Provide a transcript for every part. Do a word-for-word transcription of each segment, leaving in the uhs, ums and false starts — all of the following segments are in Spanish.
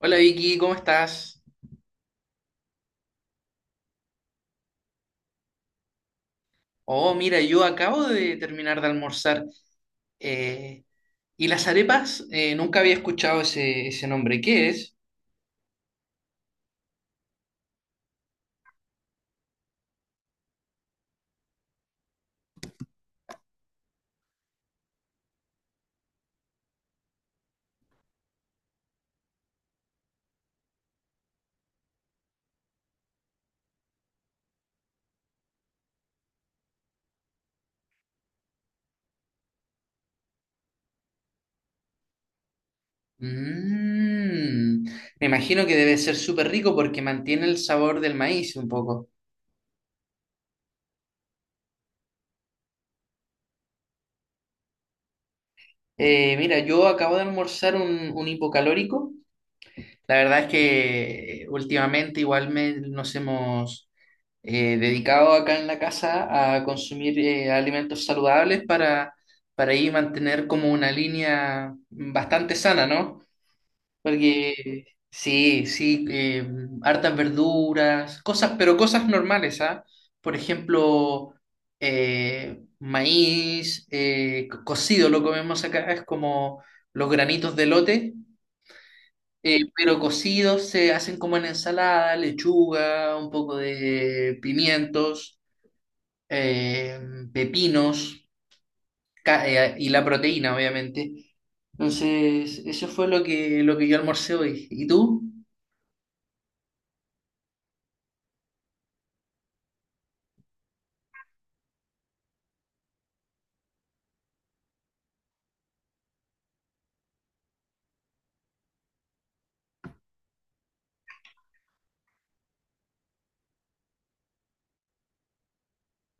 Hola Vicky, ¿cómo estás? Oh, mira, yo acabo de terminar de almorzar. Eh, ¿Y las arepas? Eh, nunca había escuchado ese, ese nombre. ¿Qué es? Mm, Me imagino que debe ser súper rico porque mantiene el sabor del maíz un poco. Eh, mira, yo acabo de almorzar un, un hipocalórico. La verdad es que eh, últimamente igual me- nos hemos eh, dedicado acá en la casa a consumir eh, alimentos saludables para, para ahí mantener como una línea bastante sana, ¿no? Porque sí, sí, eh, hartas verduras, cosas, pero cosas normales, ¿ah? Por ejemplo, eh, maíz, eh, co- cocido lo comemos acá, es como los granitos de lote. Eh, pero cocidos se hacen como en ensalada, lechuga, un poco de pimientos, eh, pepinos ca- eh, y la proteína, obviamente. Entonces, eso fue lo que, lo que yo almorcé hoy. ¿Y tú?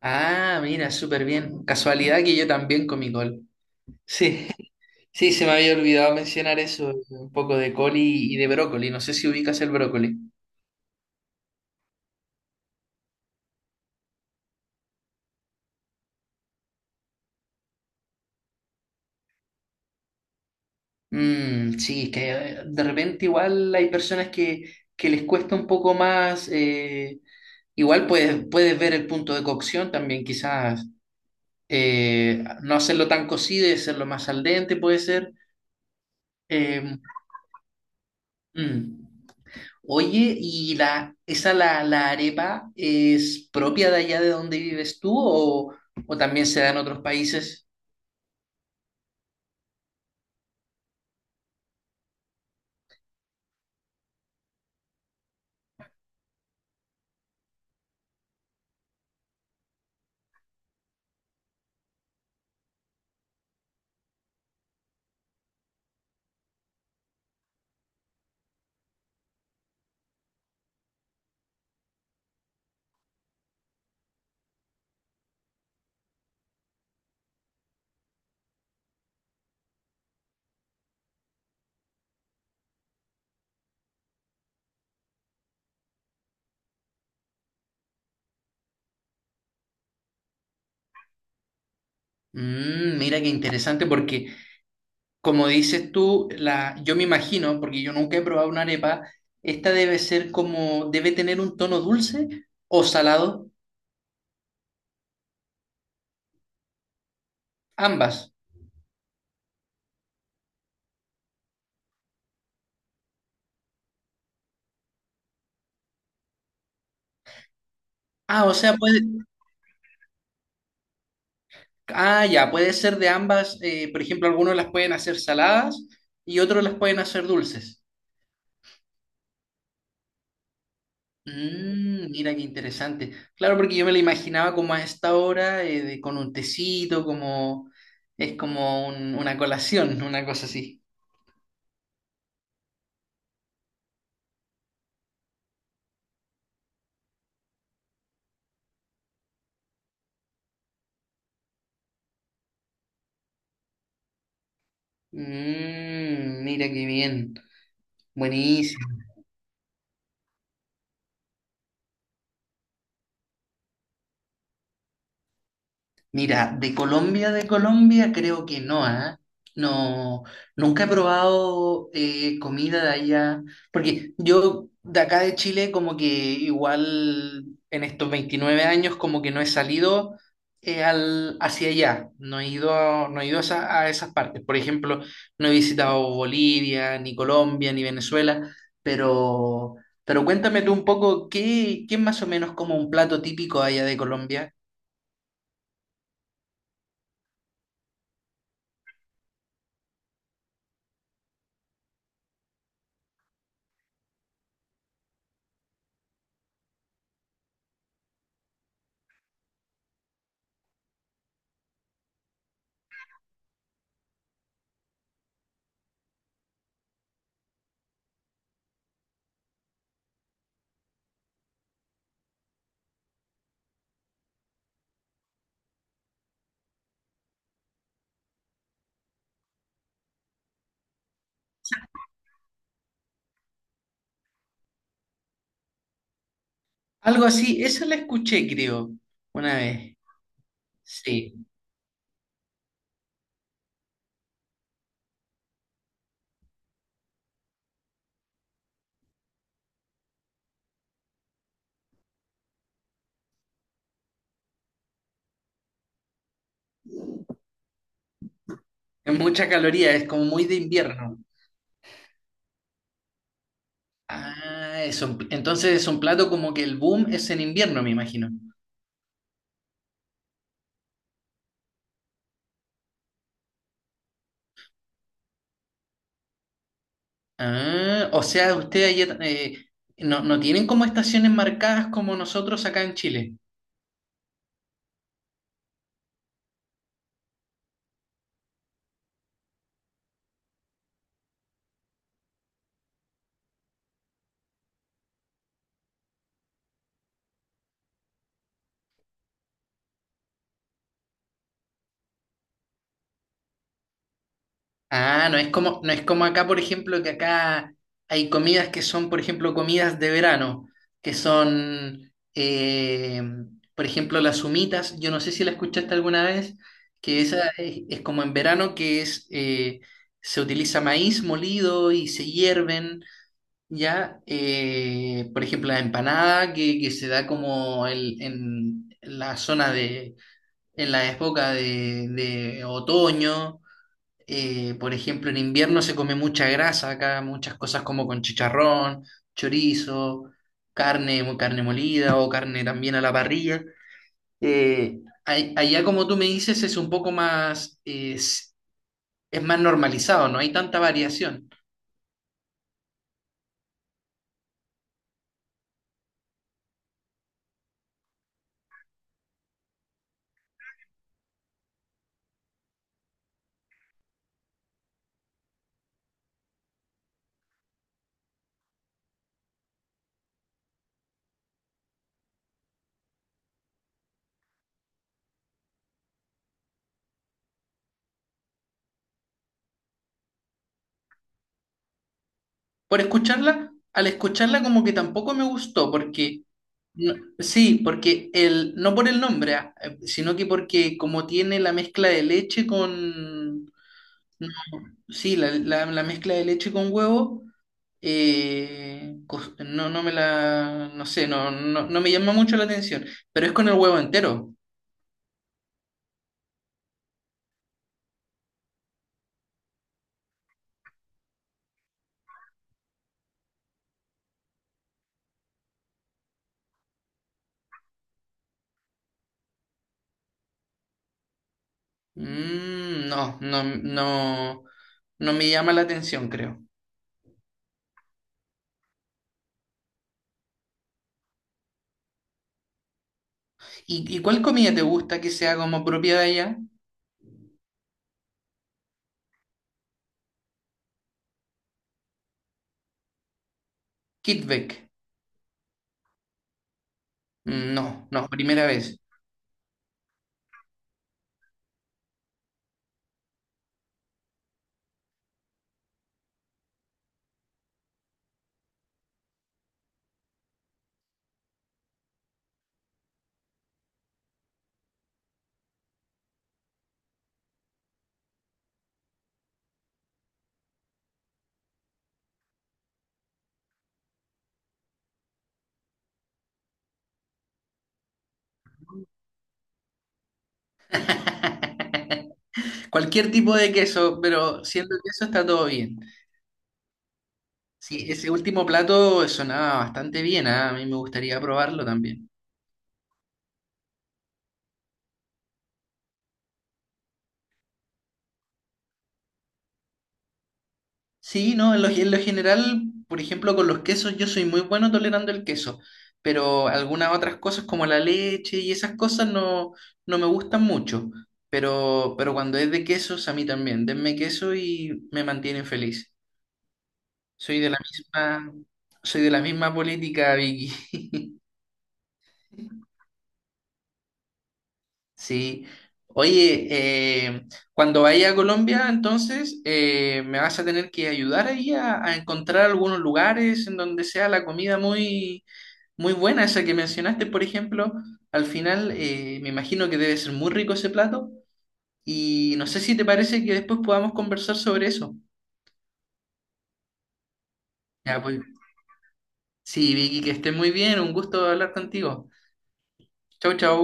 Ah, mira, súper bien. Casualidad que yo también comí col. Sí, sí, se me había olvidado mencionar eso, un poco de col y, y de brócoli. No sé si ubicas el brócoli. Mm, sí, es que eh, de repente igual hay personas que, que les cuesta un poco más, eh, igual puedes, puedes ver el punto de cocción también, quizás eh, no hacerlo tan cocido y hacerlo más al dente puede ser. Eh, mm. Oye, ¿y la, esa la, la arepa es propia de allá de donde vives tú o, o también se da en otros países? Mm, mira qué interesante porque. Como dices tú, la, yo me imagino, porque yo nunca he probado una arepa, esta debe ser como, debe tener un tono dulce o salado, ambas. Ah, o sea, puede, ah, ya, puede ser de ambas, eh, por ejemplo, algunos las pueden hacer saladas y otros las pueden hacer dulces. Mm, mira qué interesante. Claro, porque yo me la imaginaba como a esta hora, eh, de- con un tecito, como, es como un- una colación, una cosa así. Mm, mira qué bien. Buenísimo. Mira, de Colombia, de Colombia creo que no, ¿ah? No, nunca he probado eh, comida de allá, porque yo de acá de Chile como que igual en estos veintinueve años como que no he salido eh, al, hacia allá, no he ido, a- no he ido a, esa- a esas partes. Por ejemplo, no he visitado Bolivia, ni Colombia, ni Venezuela, pero, pero cuéntame tú un poco, ¿qué, qué más o menos como un plato típico allá de Colombia? Algo así, eso la escuché, creo, una vez. Sí, es mucha caloría, es como muy de invierno. Ah, es un- entonces es un plato como que el boom es en invierno, me imagino. Ah, o sea, ustedes allá, eh, no, no tienen como estaciones marcadas como nosotros acá en Chile. Ah, no es como, no es como acá, por ejemplo, que acá hay comidas que son, por ejemplo, comidas de verano, que son, eh, por ejemplo, las humitas. Yo no sé si la escuchaste alguna vez, que esa es, es como en verano, que es, eh, se utiliza maíz molido y se hierven, ¿ya? Eh, por ejemplo, la empanada, que, que se da como el- en la zona de, en la época de de otoño. Eh, por ejemplo, en invierno se come mucha grasa acá, muchas cosas como con chicharrón, chorizo, carne, mo- carne molida o carne también a la parrilla. Eh, ay- Allá, como tú me dices, es un poco más, es, es más normalizado, no hay tanta variación. Por escucharla, al escucharla como que tampoco me gustó, porque, no- sí, porque el, no por el nombre, ah, eh, sino que porque como tiene la mezcla de leche con. Sí, la, la- la mezcla de leche con huevo, eh, cos- no, no me la, no sé, no, no, no me llama mucho la atención, pero es con el huevo entero. Mm, no, no, no, no me llama la atención, creo. ¿Y, y cuál comida te gusta que sea como propia de allá? Kitvek. Mm, no, no, primera vez. Cualquier tipo de queso, pero siendo queso está todo bien. Sí, ese último plato sonaba bastante bien, ah, a mí me gustaría probarlo también. Sí, no, en lo, en lo general, por ejemplo, con los quesos yo soy muy bueno tolerando el queso, pero algunas otras cosas como la leche y esas cosas no, no me gustan mucho, pero, pero cuando es de quesos a mí también, denme queso y me mantienen feliz. Soy de la misma, soy de la misma política, Vicky. Sí. Oye, eh, cuando vaya a Colombia, entonces eh, me vas a tener que ayudar ahí a, a encontrar algunos lugares en donde sea la comida muy, muy buena, esa que mencionaste, por ejemplo. Al final, eh, me imagino que debe ser muy rico ese plato. Y no sé si te parece que después podamos conversar sobre eso. Ya, pues. Sí, Vicky, que estés muy bien. Un gusto hablar contigo. Chau, chau.